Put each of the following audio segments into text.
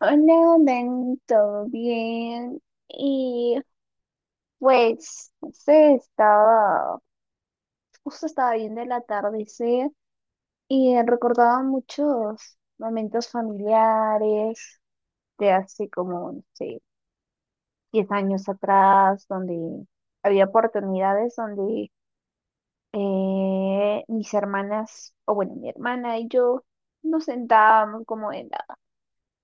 Hola, Dan, ¿todo bien? Y pues, no sé, estaba, justo estaba viendo el atardecer y recordaba muchos momentos familiares de hace como, no sé, 10 años atrás, donde había oportunidades donde mis hermanas, o bueno, mi hermana y yo nos sentábamos como en la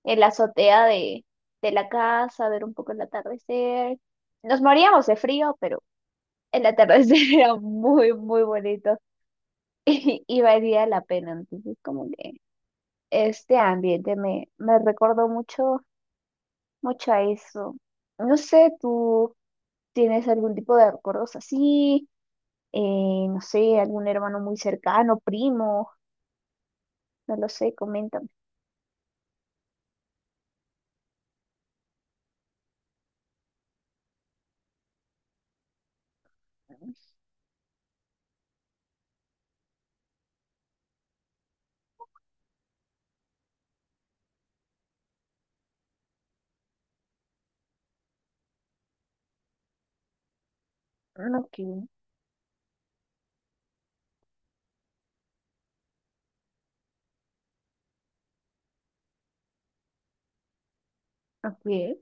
en la azotea de la casa, ver un poco el atardecer. Nos moríamos de frío, pero el atardecer era muy, muy bonito y valía la pena. Entonces, como que este ambiente me recordó mucho a eso. No sé, ¿tú tienes algún tipo de recuerdos así? No sé, algún hermano muy cercano, primo, no lo sé, coméntame. Ok, ok.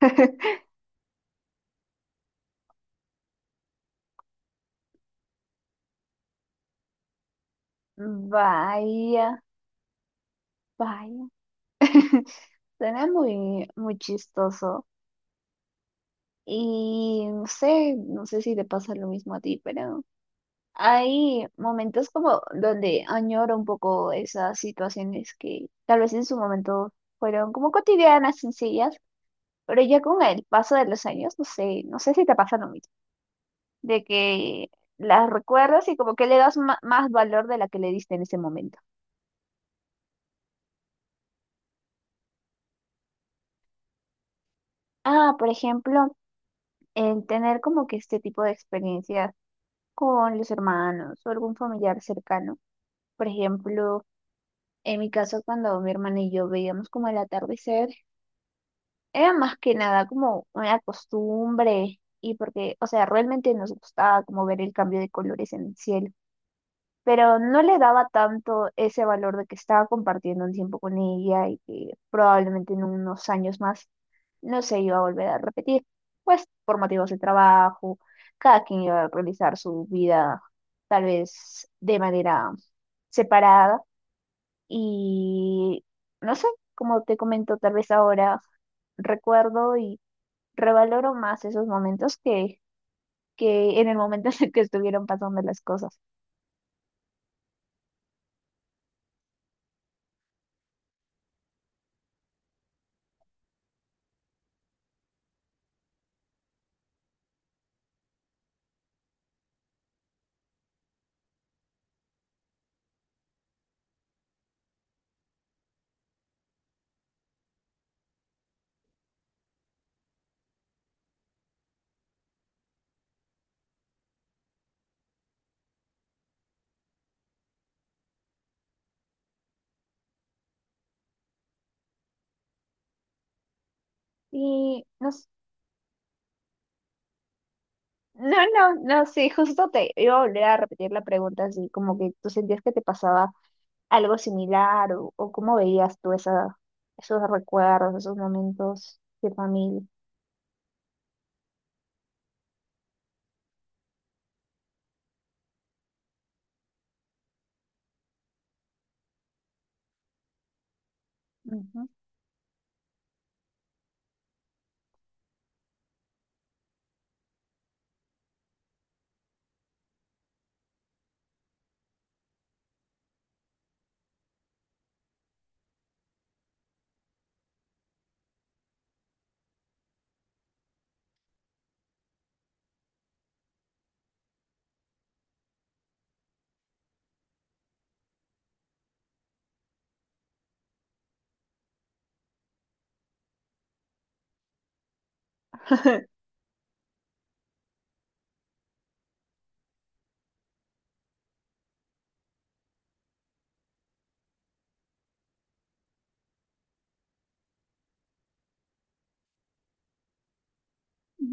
Vaya, vaya. Suena muy, muy chistoso. Y no sé, no sé si te pasa lo mismo a ti, pero hay momentos como donde añoro un poco esas situaciones que tal vez en su momento fueron como cotidianas, sencillas, pero ya con el paso de los años, no sé, no sé si te pasa lo mismo, de que las recuerdas y como que le das más valor de la que le diste en ese momento. Ah, por ejemplo, el tener como que este tipo de experiencias con los hermanos o algún familiar cercano. Por ejemplo, en mi caso, cuando mi hermana y yo veíamos como el atardecer, era más que nada como una costumbre y porque, o sea, realmente nos gustaba como ver el cambio de colores en el cielo, pero no le daba tanto ese valor de que estaba compartiendo un tiempo con ella y que probablemente en unos años más no se iba a volver a repetir, pues por motivos de trabajo, cada quien iba a realizar su vida tal vez de manera separada y no sé, como te comento, tal vez ahora recuerdo y revaloro más esos momentos que en el momento en el que estuvieron pasando las cosas. Y no. No, no, no, sí, justo te iba a volver a repetir la pregunta, así como que tú sentías que te pasaba algo similar o cómo veías tú esa, esos recuerdos, esos momentos de familia. Ujú.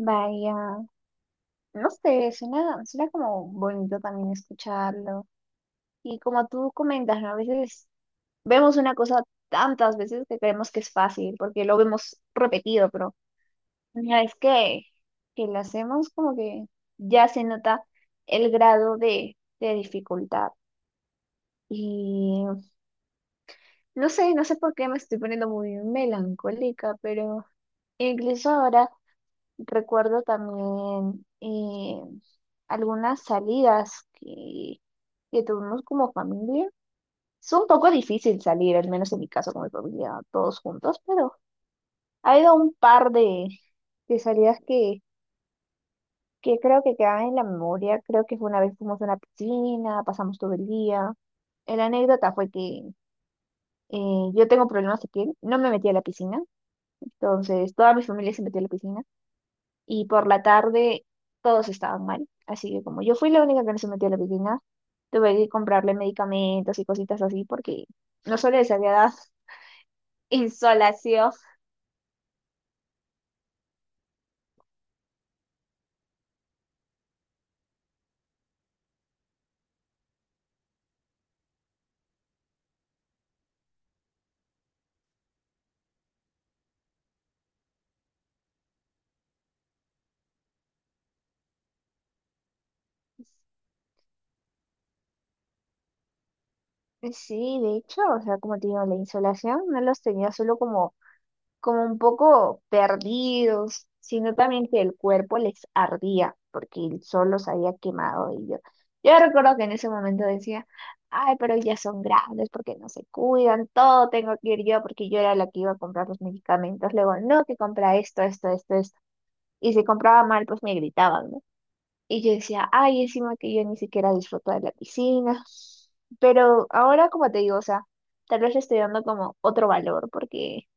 Vaya, no sé, suena, suena como bonito también escucharlo. Y como tú comentas, ¿no? A veces vemos una cosa tantas veces que creemos que es fácil porque lo vemos repetido, pero una vez que lo hacemos, como que ya se nota el grado de dificultad. Y no sé, no sé por qué me estoy poniendo muy melancólica, pero incluso ahora recuerdo también algunas salidas que tuvimos como familia. Es un poco difícil salir, al menos en mi caso con mi familia, todos juntos, pero ha habido un par de salidas que creo que quedan en la memoria. Creo que fue una vez fuimos a una piscina, pasamos todo el día. La anécdota fue que yo tengo problemas de piel, no me metí a la piscina, entonces toda mi familia se metió a la piscina y por la tarde todos estaban mal. Así que como yo fui la única que no se metió a la piscina, tuve que comprarle medicamentos y cositas así porque no solo les había dado insolación. Sí, de hecho, o sea, como te digo, la insolación no los tenía solo como como un poco perdidos, sino también que el cuerpo les ardía porque el sol los había quemado y yo recuerdo que en ese momento decía, ay, pero ya son grandes porque no se cuidan, todo tengo que ir yo porque yo era la que iba a comprar los medicamentos, luego no, que compra esto, esto, esto, esto, y si compraba mal, pues me gritaban, ¿no? Y yo decía, ay, encima que yo ni siquiera disfruto de la piscina, pero ahora como te digo, o sea, tal vez le estoy dando como otro valor porque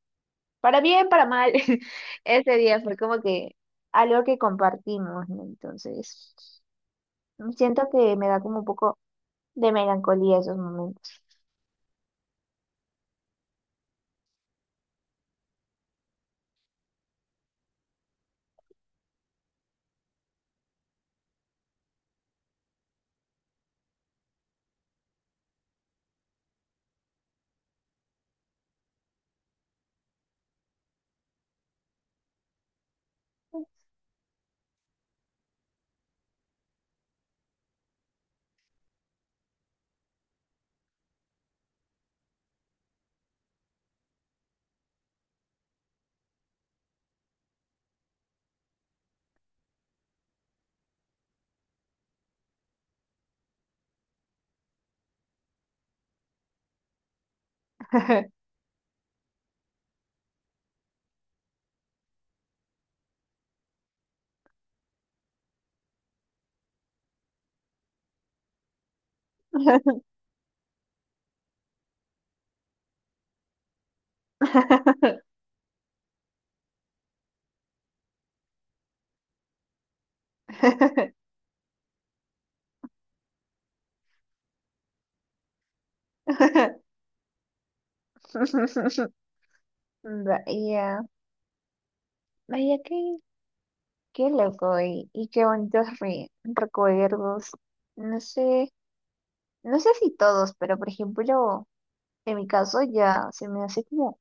para bien, para mal, ese día fue como que algo que compartimos, ¿no? Entonces, siento que me da como un poco de melancolía esos momentos. Vaya, vaya, qué, qué loco y qué bonitos recuerdos. No sé, no sé si todos, pero por ejemplo, en mi caso ya se me hace como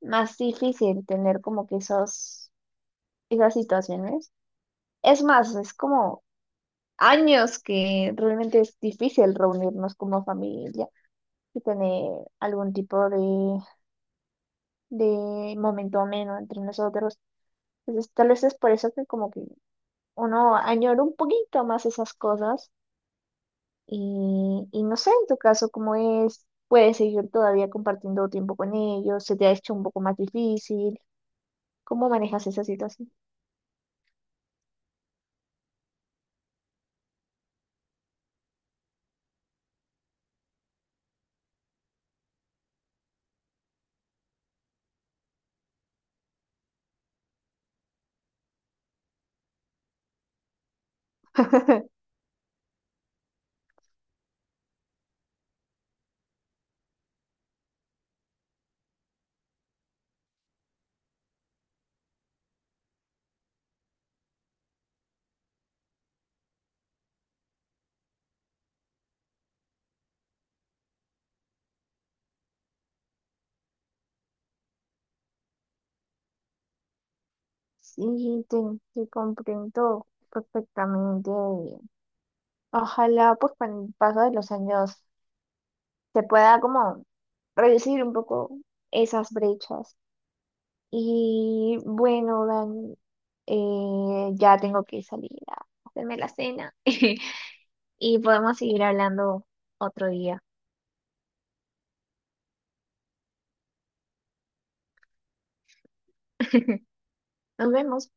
más difícil tener como que esos esas situaciones. Es más, es como años que realmente es difícil reunirnos como familia y tener algún tipo de momento ameno entre nosotros. Entonces, tal vez es por eso que como que uno añora un poquito más esas cosas y no sé, en tu caso, cómo es, puedes seguir todavía compartiendo tiempo con ellos, se te ha hecho un poco más difícil, ¿cómo manejas esa situación? Sí, te comprendo perfectamente. Ojalá pues con el paso de los años se pueda como reducir un poco esas brechas. Y bueno, Dan, ya tengo que salir a hacerme la cena y podemos seguir hablando otro día. Nos vemos.